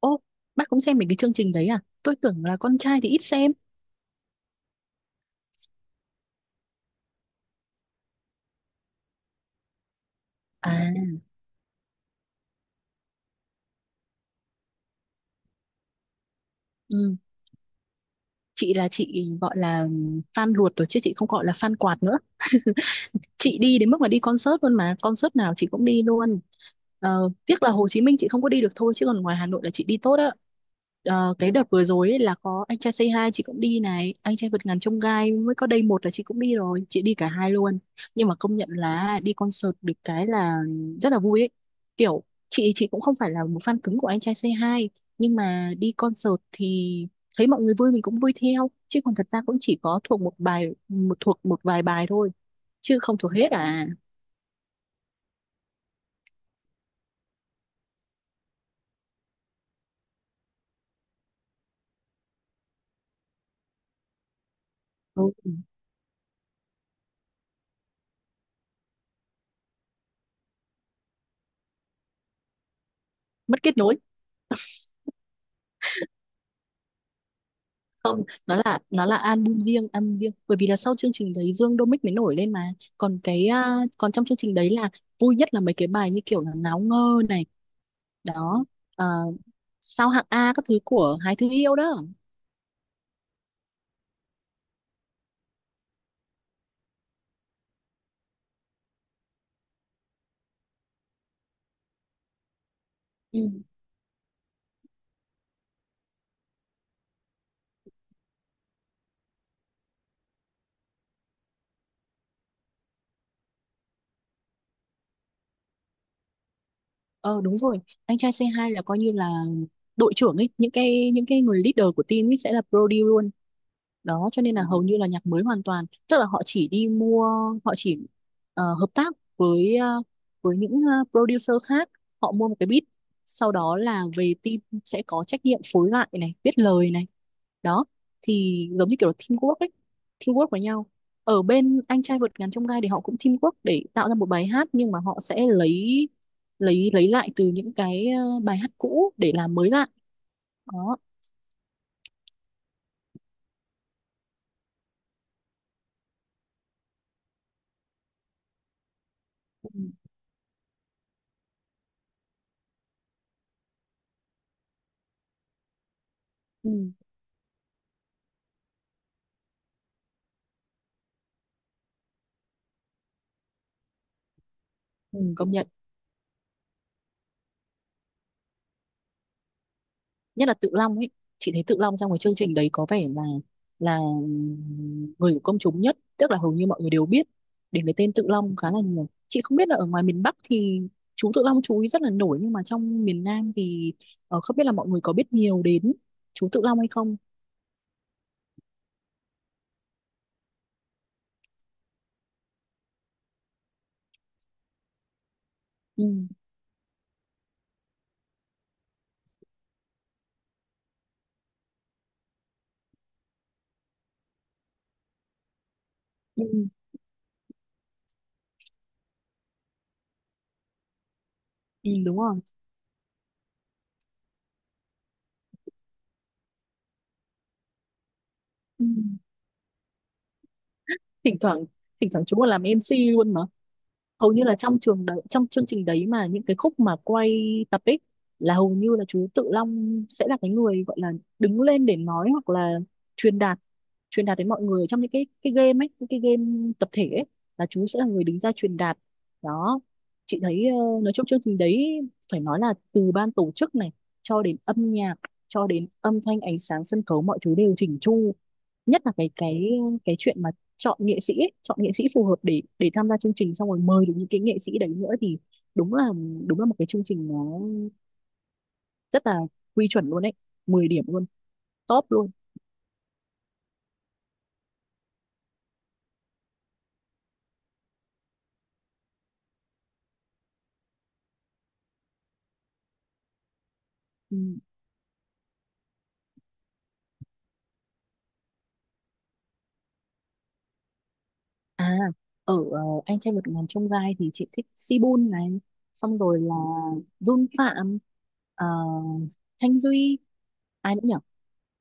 Ô, bác cũng xem mấy cái chương trình đấy à? Tôi tưởng là con trai thì ít xem. À, ừ. Chị là chị gọi là fan ruột rồi chứ chị không gọi là fan quạt nữa. Chị đi đến mức mà đi concert luôn, mà concert nào chị cũng đi luôn. Tiếc là Hồ Chí Minh chị không có đi được thôi, chứ còn ngoài Hà Nội là chị đi tốt á. Cái đợt vừa rồi ấy là có anh trai Say Hi chị cũng đi này, anh trai vượt ngàn chông gai mới có đây một là chị cũng đi rồi, chị đi cả hai luôn. Nhưng mà công nhận là đi concert được cái là rất là vui ấy, kiểu chị cũng không phải là một fan cứng của anh trai Say Hi, nhưng mà đi concert thì thấy mọi người vui mình cũng vui theo, chứ còn thật ra cũng chỉ có thuộc một bài một thuộc một vài bài thôi, chứ không thuộc hết à. Ừ, mất kết nối. Không, nó là album riêng, album riêng, bởi vì là sau chương trình đấy Dương Domic mới nổi lên mà. Còn cái, còn trong chương trình đấy là vui nhất là mấy cái bài như kiểu là ngáo ngơ này đó. à, Sao hạng A các thứ của Hai Thứ Yêu đó. Ừ. ờ Đúng rồi, anh trai c hai là coi như là đội trưởng ấy, những cái người leader của team ấy sẽ là Brody luôn. Đó, cho nên là hầu như là nhạc mới hoàn toàn, tức là họ chỉ đi mua, họ chỉ hợp tác với với những producer khác, họ mua một cái beat, sau đó là về team sẽ có trách nhiệm phối lại này, viết lời này. Đó, thì giống như kiểu là teamwork ấy, teamwork với nhau. Ở bên anh trai vượt ngàn chông gai thì họ cũng teamwork để tạo ra một bài hát, nhưng mà họ sẽ lấy lấy lại từ những cái bài hát cũ để làm mới lại. Đó. ừ. Ừ. Ừ. Công nhận nhất là Tự Long ấy, chị thấy Tự Long trong cái chương trình đấy có vẻ là người của công chúng nhất, tức là hầu như mọi người đều biết đến cái tên Tự Long khá là nhiều. Chị không biết là ở ngoài miền Bắc thì chú Tự Long chú ý rất là nổi, nhưng mà trong miền Nam thì không biết là mọi người có biết nhiều đến chú Tự Long hay không. ừ, ừ, ừ, đúng rồi. Ừ. thỉnh thoảng Thỉnh thoảng chú còn làm MC luôn. Hầu như là trong trường đấy, trong chương trình đấy mà những cái khúc mà quay tập ấy, là hầu như là chú Tự Long sẽ là cái người gọi là đứng lên để nói, hoặc là truyền đạt, truyền đạt đến mọi người trong những cái game ấy, những cái game tập thể ấy là chú sẽ là người đứng ra truyền đạt. Đó, chị thấy nói chung chương trình đấy phải nói là từ ban tổ chức này cho đến âm nhạc, cho đến âm thanh ánh sáng sân khấu, mọi thứ đều chỉnh chu. Nhất là cái chuyện mà chọn nghệ sĩ ấy, chọn nghệ sĩ phù hợp để tham gia chương trình, xong rồi mời được những cái nghệ sĩ đấy nữa, thì đúng là một cái chương trình nó rất là quy chuẩn luôn đấy, mười điểm luôn, top luôn. Ừ. à Ở anh trai vượt ngàn chông gai thì chị thích Sibun này, xong rồi là Jun Phạm, ờ, Thanh Duy, ai nữa nhỉ,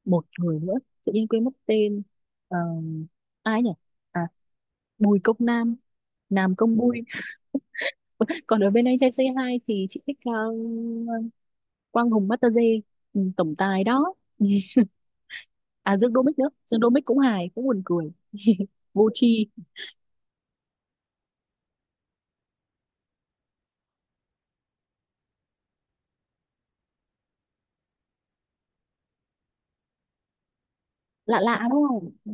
một người nữa tự nhiên quên mất tên. Ờ, Ai nhỉ? À, Bùi Công Nam. Nam Công Bùi. Còn ở bên anh trai Say Hi thì chị thích Quang Hùng Mattazzi, ừ, tổng tài đó. À, Dương Đỗ Bích nữa, Dương Đỗ Bích cũng hài, cũng buồn cười, vô tri. Lạ lạ đúng không. Ừ.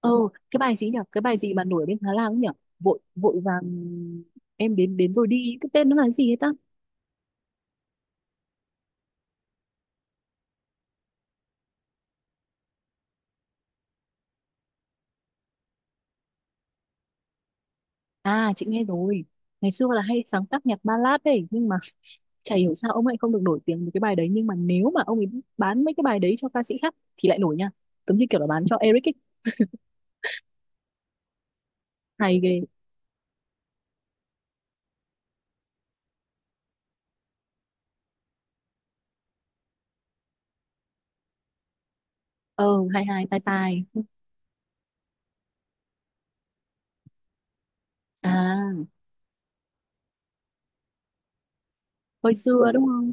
ừ cái bài gì nhỉ, cái bài gì mà nổi ở bên Thái Lan ấy nhỉ, vội vội vàng em đến đến rồi đi, cái tên nó là gì ấy ta. À, chị nghe rồi, ngày xưa là hay sáng tác nhạc ballad ấy, nhưng mà chả hiểu sao ông ấy không được nổi tiếng với cái bài đấy, nhưng mà nếu mà ông ấy bán mấy cái bài đấy cho ca sĩ khác thì lại nổi nha, giống như kiểu là bán cho Eric ấy. Hay ghê. ờ Hai hai tai tai. À, hồi xưa đúng không.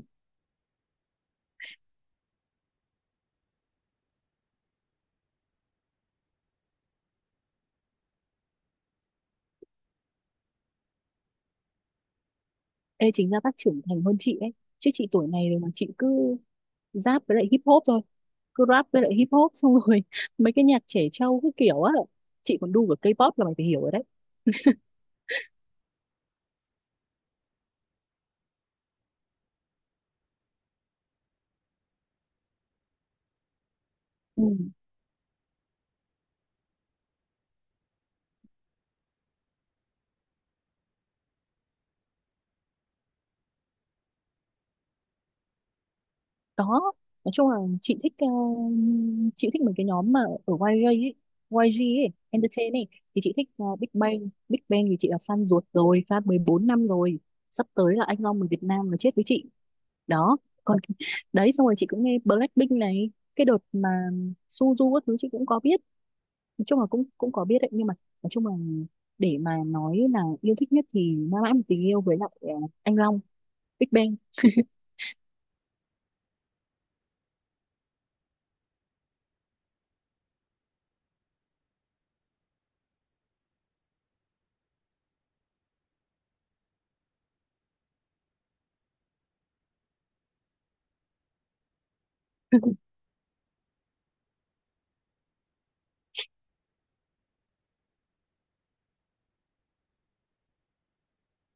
Ê, chính ra bác trưởng thành hơn chị ấy, chứ chị tuổi này rồi mà chị cứ rap với lại hip hop thôi, cứ rap với lại hip hop, xong rồi mấy cái nhạc trẻ trâu cái kiểu á. Chị còn đu cả K-pop là mày phải hiểu rồi đấy. Ừ. Đó, nói chung là chị thích, chị thích mấy cái nhóm mà ở YG ấy, YG ấy Entertain ấy, thì chị thích Big Bang. Big Bang thì chị là fan ruột rồi, fan 14 năm rồi. Sắp tới là anh Long người Việt Nam là chết với chị đó. Còn cái, đấy xong rồi chị cũng nghe Blackpink này, cái đợt mà Suzu các thứ chị cũng có biết. Nói chung là cũng cũng có biết đấy, nhưng mà nói chung là để mà nói là yêu thích nhất thì mãi mãi một tình yêu với lại anh Long Big Bang.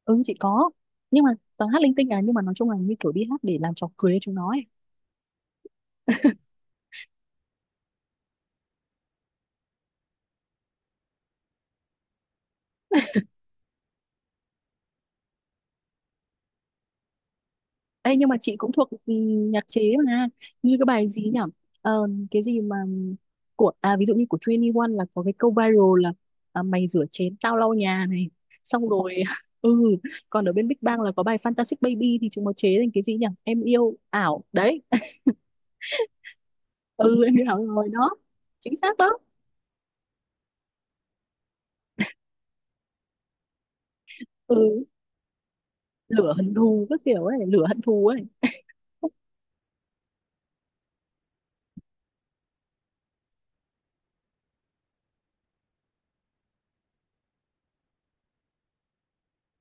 Ừ chị có, nhưng mà toàn hát linh tinh à, nhưng mà nói chung là như kiểu đi hát để làm trò cười cho chúng nó ấy. Ê, nhưng mà chị cũng thuộc nhạc chế mà. Như cái bài gì nhỉ, cái gì mà của ví dụ như của 21 là có cái câu viral là, à, mày rửa chén tao lau nhà này, xong rồi ừ. Còn ở bên Big Bang là có bài Fantastic Baby thì chúng nó chế thành cái gì nhỉ, em yêu ảo đấy. Ừ em yêu ảo rồi đó. Chính xác đó. Ừ, lửa hận thù các kiểu ấy, lửa hận thù ấy.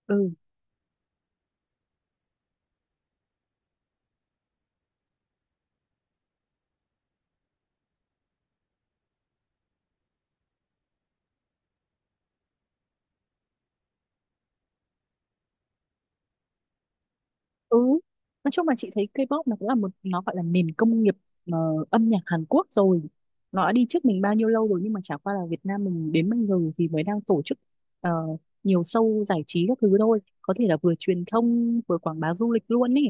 Ừ. Ừ, nói chung là chị thấy K-pop nó cũng là một nó gọi là nền công nghiệp ờ, âm nhạc Hàn Quốc rồi. Nó đã đi trước mình bao nhiêu lâu rồi, nhưng mà chả qua là Việt Nam mình đến bây giờ thì mới đang tổ chức ờ, nhiều show giải trí các thứ thôi. Có thể là vừa truyền thông vừa quảng bá du lịch luôn ý,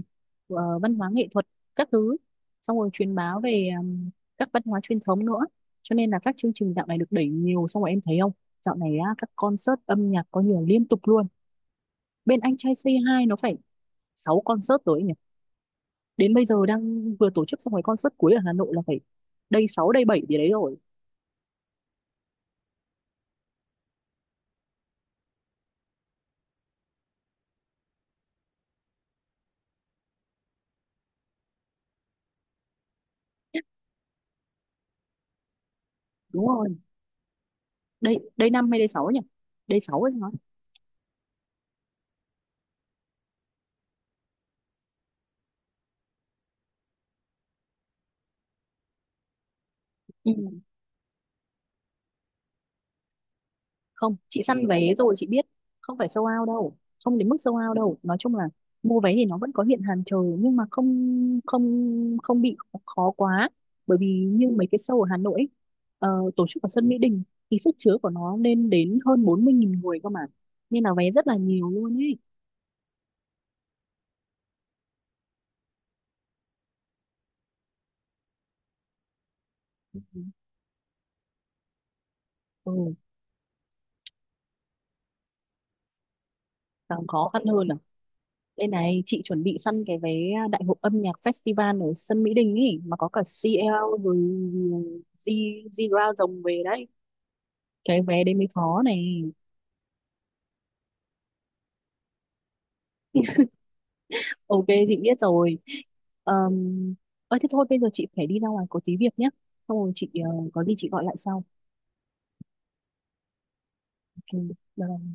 Văn hóa nghệ thuật các thứ. Xong rồi truyền bá về các văn hóa truyền thống nữa. Cho nên là các chương trình dạo này được đẩy nhiều, xong rồi em thấy không? Dạo này á, các concert âm nhạc có nhiều liên tục luôn. Bên anh trai Say Hi nó phải 6 concert rồi ấy, đến bây giờ đang vừa tổ chức xong cái concert cuối ở Hà Nội là phải day 6 day 7 gì đấy rồi. Đúng rồi, đây đây 5 hay đây sáu nhỉ, đây 6 hay sao ấy. Ừ. Không, chị săn vé rồi chị biết, không phải sold out đâu, không đến mức sold out đâu. Nói chung là mua vé thì nó vẫn có hiện hàng chờ, nhưng mà không không không bị khó quá, bởi vì như mấy cái show ở Hà Nội ấy, ờ, tổ chức ở sân Mỹ Đình thì sức chứa của nó lên đến hơn 40.000 người cơ mà, nên là vé rất là nhiều luôn ấy. Ừ, càng khó khăn hơn à. Đây này, chị chuẩn bị săn cái vé, đại hội âm nhạc festival ở sân Mỹ Đình ấy mà có cả CL rồi Z Zira rồng về đấy. Cái vé đấy mới khó này. Ok, chị biết rồi. Um, Ơi thế thôi, bây giờ chị phải đi ra ngoài có tí việc nhé. Xong rồi chị có gì chị gọi lại sau. Ok. Bye.